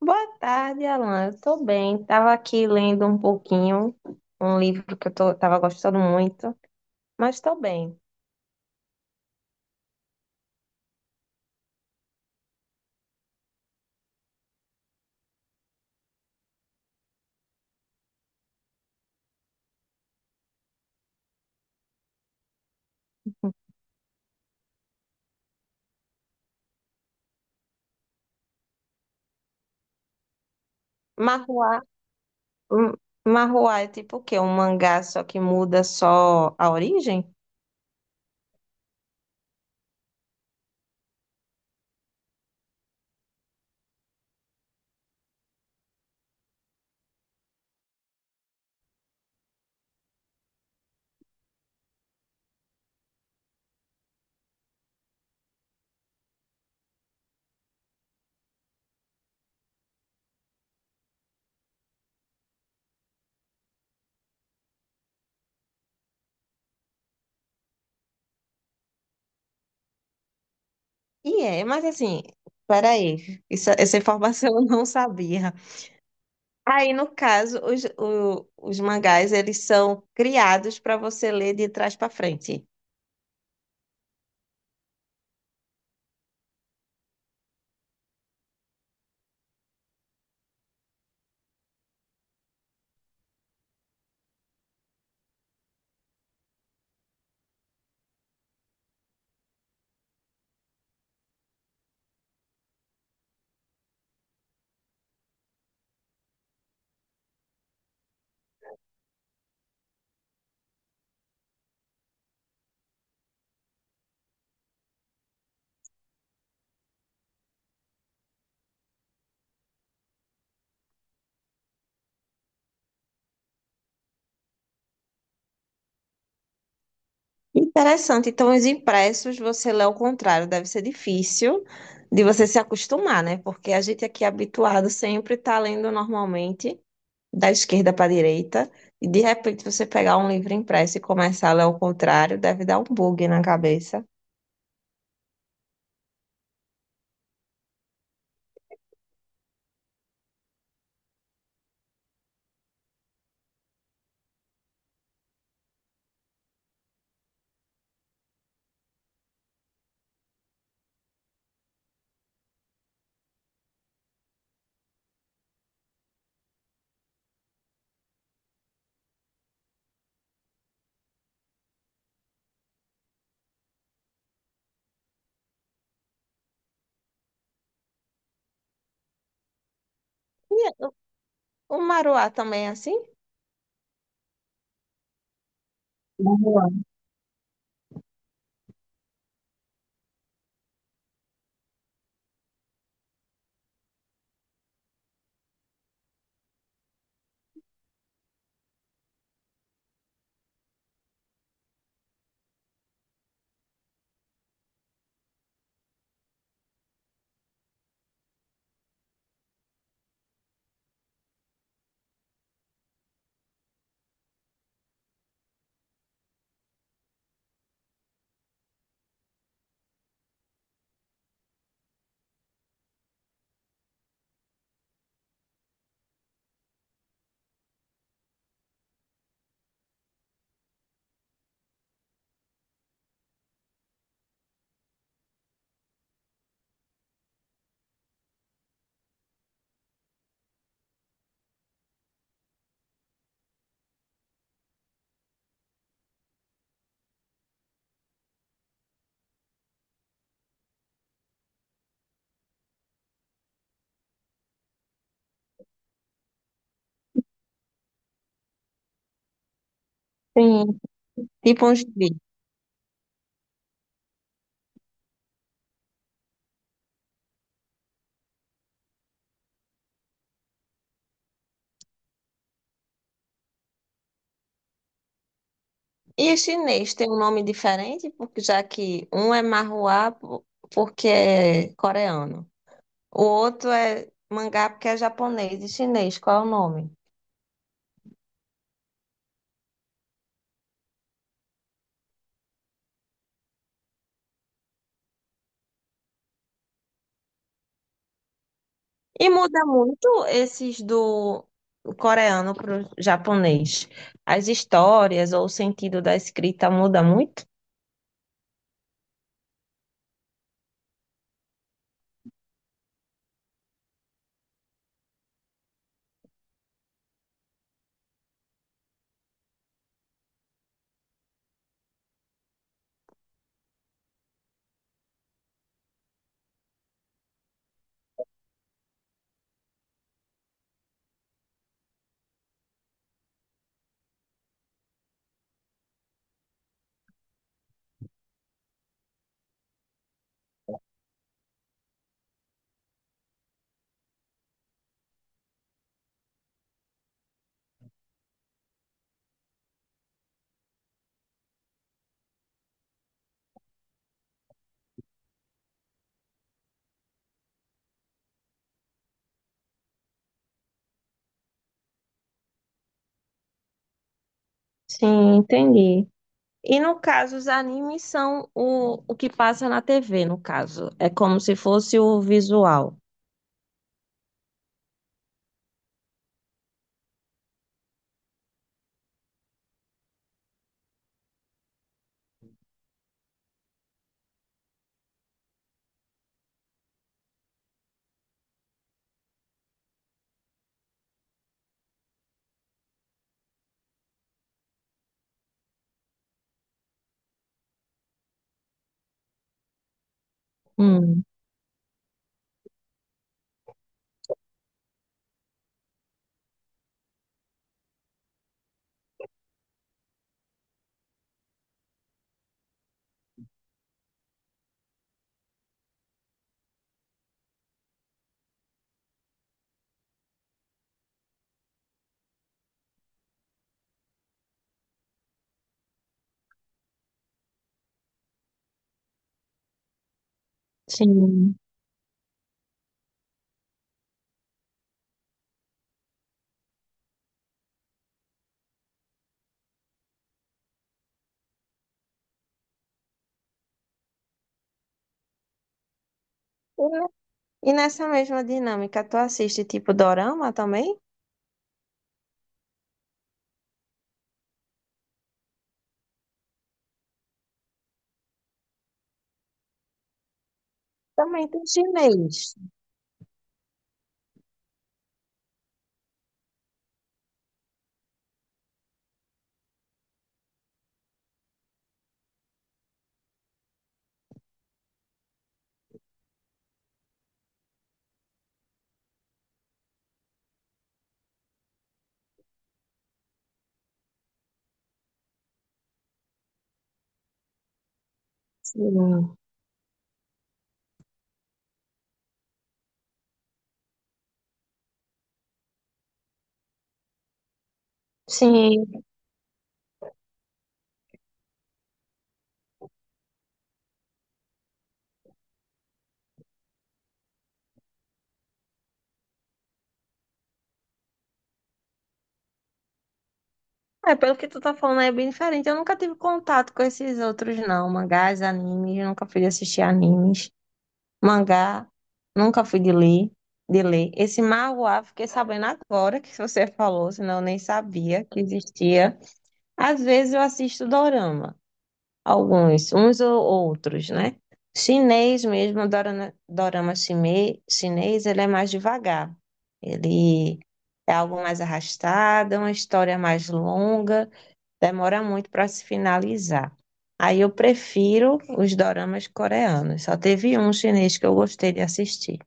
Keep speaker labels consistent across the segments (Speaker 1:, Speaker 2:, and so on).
Speaker 1: Boa tarde, Alan. Eu tô bem. Tava aqui lendo um pouquinho, um livro que tava gostando muito, mas tô bem. Marruá, hum, Marruá é tipo o quê? Um mangá só que muda só a origem? E é, mas assim, peraí, isso, essa informação eu não sabia. Aí, no caso, os mangás, eles são criados para você ler de trás para frente. Interessante. Então, os impressos você lê ao contrário, deve ser difícil de você se acostumar, né? Porque a gente aqui é habituado sempre está lendo normalmente da esquerda para a direita, e de repente você pegar um livro impresso e começar a ler ao contrário, deve dar um bug na cabeça. E o maruá também é assim? Vamos. Sim. Tipo um gibi. E o chinês tem um nome diferente, porque já que um é marruá porque é coreano. O outro é mangá porque é japonês e chinês. Qual é o nome? E muda muito esses do coreano para o japonês. As histórias ou o sentido da escrita muda muito? Sim, entendi. E no caso, os animes são o que passa na TV, no caso. É como se fosse o visual. Hum, sim. E ne- e nessa mesma dinâmica, tu assiste tipo dorama também? Também tem chinês. Sim. Sim. É, pelo que tu tá falando, é bem diferente. Eu nunca tive contato com esses outros, não. Mangás, animes, eu nunca fui de assistir animes. Mangá, nunca fui de ler, de ler. Esse manhwa, fiquei sabendo agora que você falou, senão eu nem sabia que existia. Às vezes eu assisto dorama, alguns, uns ou outros, né? Chinês mesmo, dorama, chinês, ele é mais devagar. Ele é algo mais arrastado, é uma história mais longa, demora muito para se finalizar. Aí eu prefiro os doramas coreanos. Só teve um chinês que eu gostei de assistir.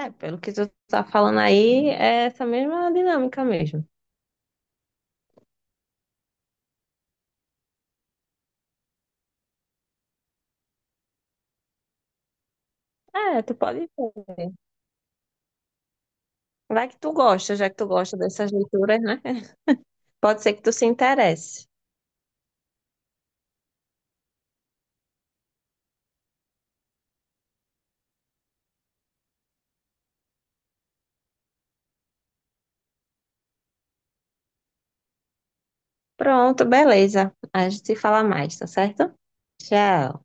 Speaker 1: É, pelo que tu tá falando aí, é essa mesma dinâmica mesmo. É, tu pode ver. Vai que tu gosta, já que tu gosta dessas leituras, né? Pode ser que tu se interesse. Pronto, beleza. A gente se fala mais, tá certo? Tchau.